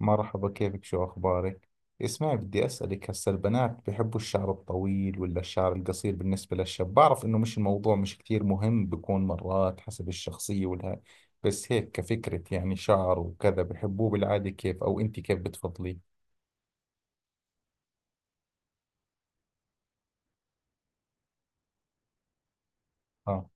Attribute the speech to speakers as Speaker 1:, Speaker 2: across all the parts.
Speaker 1: مرحبا، كيفك؟ شو أخبارك؟ اسمعي، بدي أسألك، هسا البنات بحبوا الشعر الطويل ولا الشعر القصير؟ بالنسبة للشاب، بعرف إنه مش الموضوع مش كثير مهم، بيكون مرات حسب الشخصية والها. بس هيك كفكرة، يعني شعر وكذا بحبوه بالعادة كيف؟ أو أنت كيف بتفضليه؟ آه.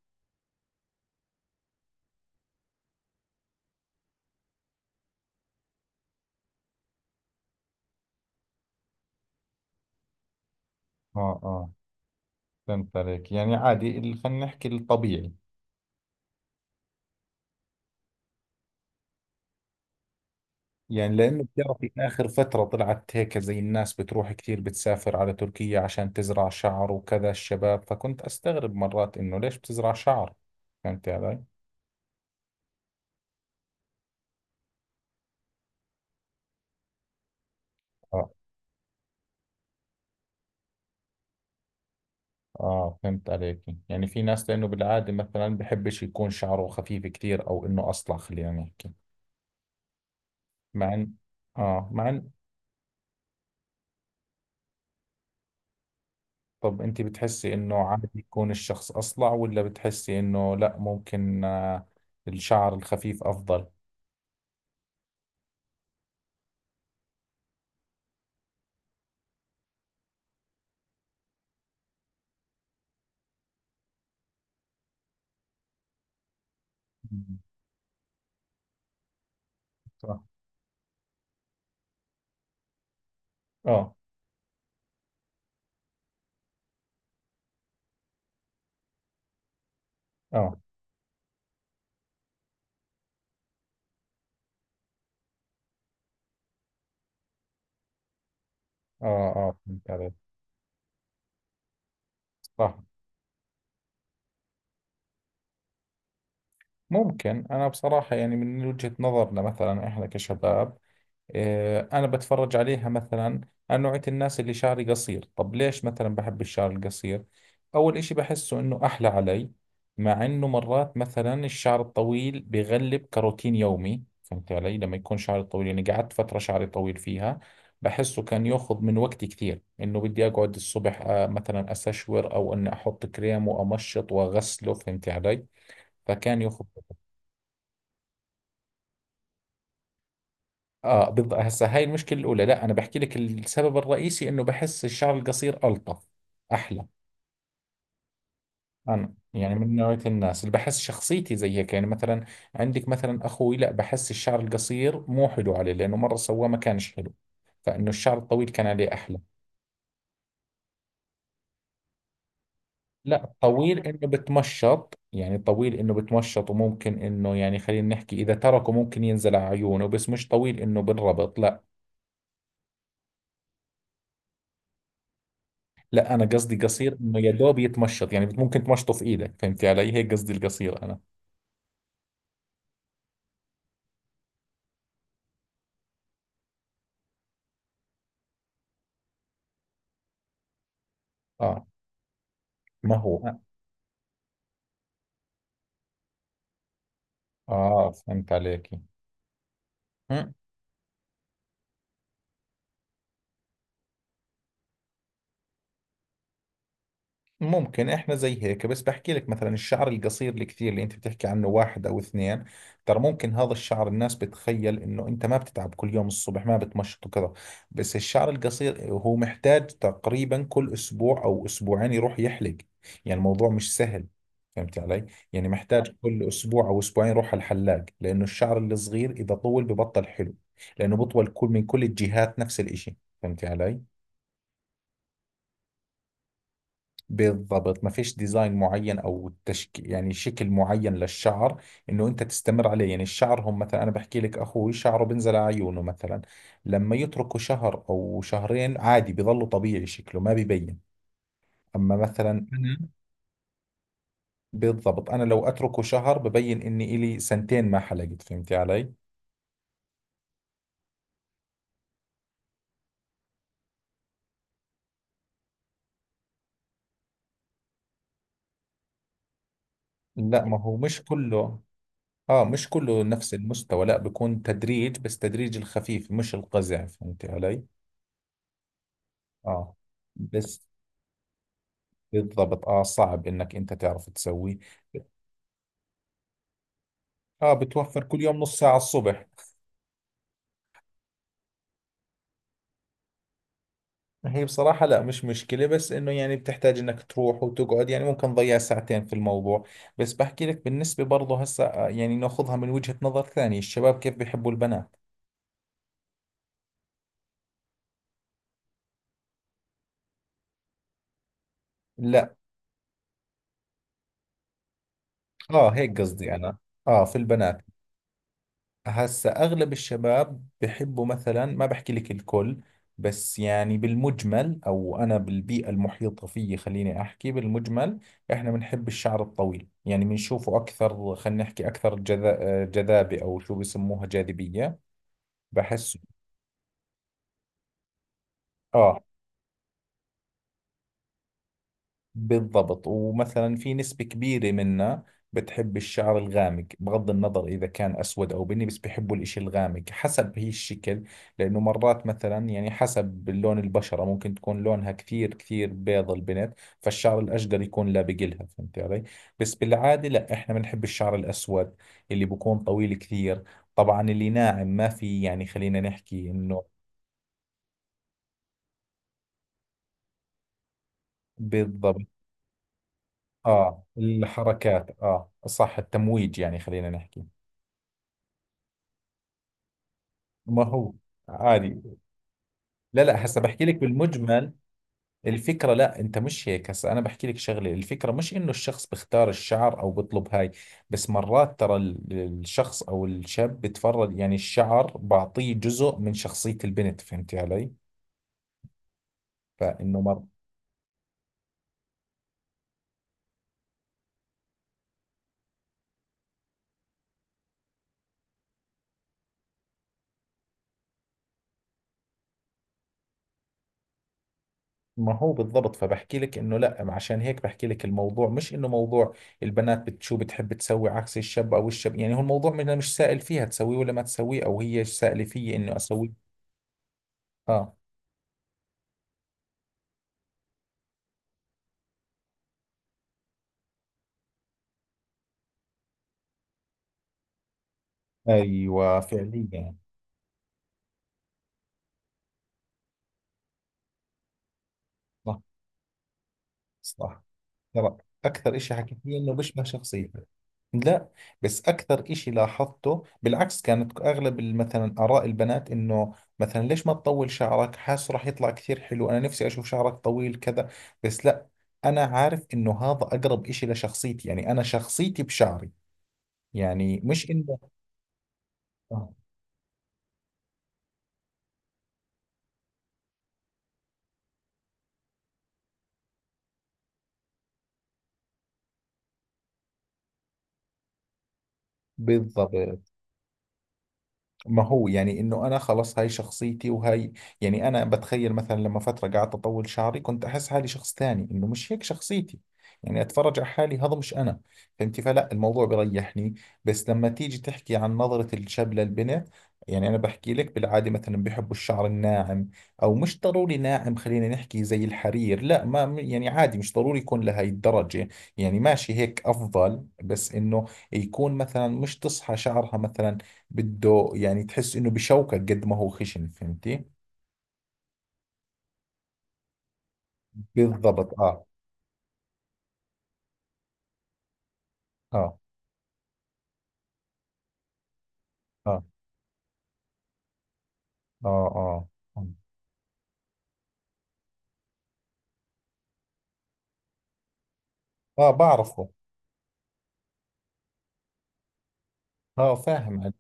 Speaker 1: آه. آه، فهمت عليك. يعني عادي، خلينا نحكي الطبيعي. يعني لأنه بتعرفي، آخر فترة طلعت هيك زي الناس بتروح كثير، بتسافر على تركيا عشان تزرع شعر وكذا الشباب، فكنت أستغرب مرات إنه ليش بتزرع شعر. فهمتي علي؟ آه. آه، فهمت عليك. يعني في ناس، لأنه بالعادة مثلا بحبش يكون شعره خفيف كثير أو إنه أصلع، خلينا نحكي. مع إن مع إن طب أنت بتحسي إنه عادي يكون الشخص أصلع، ولا بتحسي إنه لا ممكن الشعر الخفيف أفضل؟ مم. صح. آه. آه. اه. اه، فهمت عليك. صح. ممكن، انا بصراحة يعني من وجهة نظرنا، مثلا احنا كشباب، أنا بتفرج عليها مثلا. أنا نوعية الناس اللي شعري قصير، طب ليش مثلا بحب الشعر القصير؟ أول إشي بحسه إنه أحلى علي. مع إنه مرات مثلا الشعر الطويل بغلب كروتين يومي، فهمت علي؟ لما يكون شعري طويل، يعني قعدت فترة شعري طويل فيها، بحسه كان ياخذ من وقتي كثير، إنه بدي أقعد الصبح مثلا أستشور، أو إني أحط كريم وأمشط وأغسله، فهمت علي؟ فكان ياخذ. اه، بالضبط. هسه هاي المشكله الاولى، لا انا بحكي لك السبب الرئيسي، انه بحس الشعر القصير الطف، احلى. انا يعني من نوعيه الناس اللي بحس شخصيتي زي هيك، يعني مثلا عندك مثلا اخوي، لا بحس الشعر القصير مو حلو عليه، لانه مره سواه ما كانش حلو، فانه الشعر الطويل كان عليه احلى. لا، الطويل انه بتمشط، يعني الطويل انه بتمشط وممكن انه، يعني خلينا نحكي، اذا تركه ممكن ينزل على عيونه، بس مش طويل انه بالربط، لا. لا، انا قصدي قصير انه يا دوب يتمشط، يعني ممكن تمشطه في ايدك، فهمتي علي؟ هيك قصدي القصير انا. اه. ما هو. اه، فهمت عليك. ممكن احنا زي هيك، بس بحكي لك مثلا الشعر القصير الكثير اللي انت بتحكي عنه، واحد او اثنين، ترى ممكن هذا الشعر الناس بتخيل انه انت ما بتتعب، كل يوم الصبح ما بتمشط وكذا، بس الشعر القصير هو محتاج تقريبا كل اسبوع او اسبوعين يروح يحلق، يعني الموضوع مش سهل، فهمت علي؟ يعني محتاج كل اسبوع او اسبوعين يروح على الحلاق، لانه الشعر الصغير اذا طول ببطل حلو، لانه بطول كل الجهات نفس الاشي، فهمت علي؟ بالضبط، ما فيش ديزاين معين او يعني شكل معين للشعر، انه انت تستمر عليه. يعني الشعر هم، مثلا انا بحكي لك اخوي شعره بنزل على عيونه مثلا، لما يتركوا شهر او شهرين عادي بيظلوا طبيعي، شكله ما بيبين. اما مثلا مهم. بالضبط. انا لو اتركه شهر ببين اني الي سنتين ما حلقت، فهمتي علي؟ لا ما هو مش كله. اه، مش كله نفس المستوى، لا بيكون تدريج، بس تدريج الخفيف مش القزع، فهمتي علي؟ اه. بس. بالضبط. اه، صعب انك انت تعرف تسويه. اه، بتوفر كل يوم نص ساعة الصبح. هي بصراحة لا مش مشكلة، بس انه يعني بتحتاج انك تروح وتقعد، يعني ممكن تضيع ساعتين في الموضوع. بس بحكي لك بالنسبة برضه هسا، يعني ناخذها من وجهة نظر ثانية، الشباب كيف بيحبوا البنات. لا. اه، هيك قصدي انا. اه، في البنات. هسا اغلب الشباب بحبوا، مثلا ما بحكي لك الكل، بس يعني بالمجمل، او انا بالبيئة المحيطة فيي، خليني احكي بالمجمل. احنا بنحب الشعر الطويل، يعني بنشوفه اكثر، خلينا نحكي اكثر جذابة، او شو بسموها، جاذبية. بحس. اه، بالضبط. ومثلا في نسبة كبيرة منا بتحب الشعر الغامق، بغض النظر إذا كان أسود أو بني، بس بيحبوا الإشي الغامق حسب هي الشكل. لأنه مرات مثلا يعني حسب لون البشرة، ممكن تكون لونها كثير كثير بيض البنت، فالشعر الأشقر يكون لابق لها، فهمت علي؟ بس بالعادة لا، إحنا بنحب الشعر الأسود اللي بكون طويل كثير. طبعا اللي ناعم، ما في يعني خلينا نحكي إنه، بالضبط. آه، الحركات، آه، صح، التمويج، يعني خلينا نحكي. ما هو عادي. لا لا، هسه بحكي لك بالمجمل الفكرة، لا انت مش هيك، هسه انا بحكي لك شغلة، الفكرة مش انه الشخص بختار الشعر او بطلب هاي، بس مرات ترى الشخص او الشاب بتفرج، يعني الشعر بعطيه جزء من شخصية البنت، فهمتي علي؟ فانه مر... ما هو، بالضبط. فبحكي لك انه لا، عشان هيك بحكي لك، الموضوع مش انه موضوع البنات شو بتحب تسوي عكس الشاب او الشاب، يعني هو الموضوع مش سائل فيها تسويه ولا ما تسويه، او هي سائلة فيي انه اسويه. اه. ايوه، فعليا. صح. صح. ترى اكثر اشي حكيت لي انه بيشبه شخصيته. لا، بس اكثر اشي لاحظته بالعكس، كانت اغلب مثلا اراء البنات انه مثلا ليش ما تطول شعرك، حاسه راح يطلع كثير حلو، انا نفسي اشوف شعرك طويل كذا. بس لا، انا عارف انه هذا اقرب اشي لشخصيتي، يعني انا شخصيتي بشعري، يعني مش انه، آه، بالضبط. ما هو يعني انه انا خلص، هاي شخصيتي وهاي. يعني انا بتخيل مثلا لما فتره قعدت اطول شعري، كنت احس حالي شخص ثاني، انه مش هيك شخصيتي، يعني اتفرج على حالي هذا مش انا، فهمتي؟ فلا الموضوع بريحني. بس لما تيجي تحكي عن نظره الشاب للبنت، يعني انا بحكي لك بالعاده، مثلا بحبوا الشعر الناعم، او مش ضروري ناعم، خلينا نحكي زي الحرير، لا، ما يعني عادي مش ضروري يكون لهي الدرجه، يعني ماشي هيك افضل، بس انه يكون مثلا مش تصحى شعرها مثلا، بده يعني تحس انه بشوكك قد ما هو خشن، فهمتي؟ بالضبط. اه. اه. اه. اه. اه. اه، بعرفه. اه، فاهم.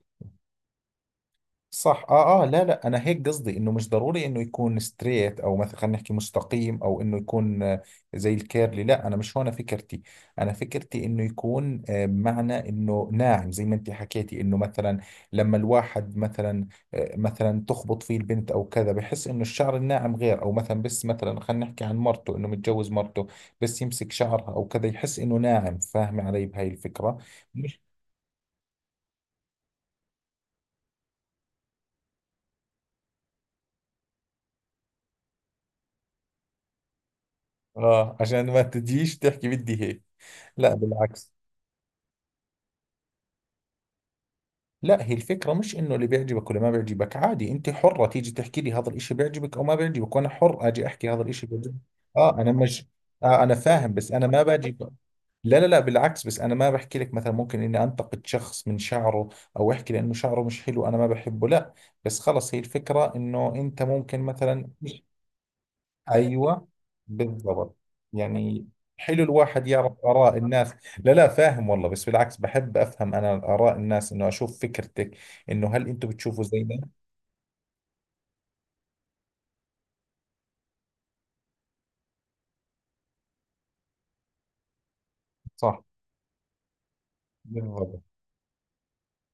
Speaker 1: صح. اه. اه. لا لا، انا هيك قصدي انه مش ضروري انه يكون ستريت، او مثلا خلينا نحكي مستقيم، او انه يكون زي الكيرلي، لا انا مش هون فكرتي، انا فكرتي انه يكون بمعنى انه ناعم، زي ما انت حكيتي، انه مثلا لما الواحد مثلا مثلا تخبط فيه البنت او كذا، بحس انه الشعر الناعم غير. او مثلا، بس مثلا خلينا نحكي عن مرته انه متجوز مرته، بس يمسك شعرها او كذا يحس انه ناعم، فاهمه علي بهاي الفكرة؟ مش. اه، عشان ما تجيش تحكي بدي هيك. لا، بالعكس. لا، هي الفكرة مش انه اللي بيعجبك ولا ما بيعجبك، عادي انت حرة تيجي تحكي لي هذا الاشي بيعجبك او ما بيعجبك، وانا حر اجي احكي هذا الاشي بيعجبك. اه، انا مش انا فاهم، بس انا ما باجي لا لا لا، بالعكس، بس انا ما بحكي لك مثلا ممكن اني انتقد شخص من شعره، او احكي لانه شعره مش حلو انا ما بحبه، لا. بس خلص، هي الفكرة انه انت ممكن مثلا، ايوه. بالضبط. يعني حلو الواحد يعرف اراء الناس، لا لا، فاهم والله، بس بالعكس بحب افهم انا اراء الناس، انه اشوف فكرتك، انه هل انتم بتشوفوا زينا؟ صح. بالضبط.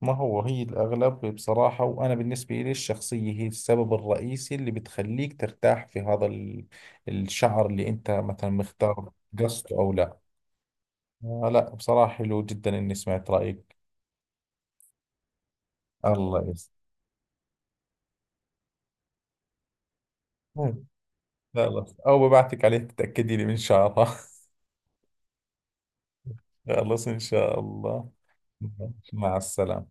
Speaker 1: ما هو هي الاغلب بصراحة، وانا بالنسبة لي، الشخصية هي السبب الرئيسي اللي بتخليك ترتاح في هذا الشعر اللي انت مثلا مختار، قصده او لا. آه، لا، بصراحة حلو جدا اني سمعت رايك. الله يسلمك. خلاص، او ببعتك عليه تتاكدي لي من شعرها خلاص، إن شاء الله. مع السلامة.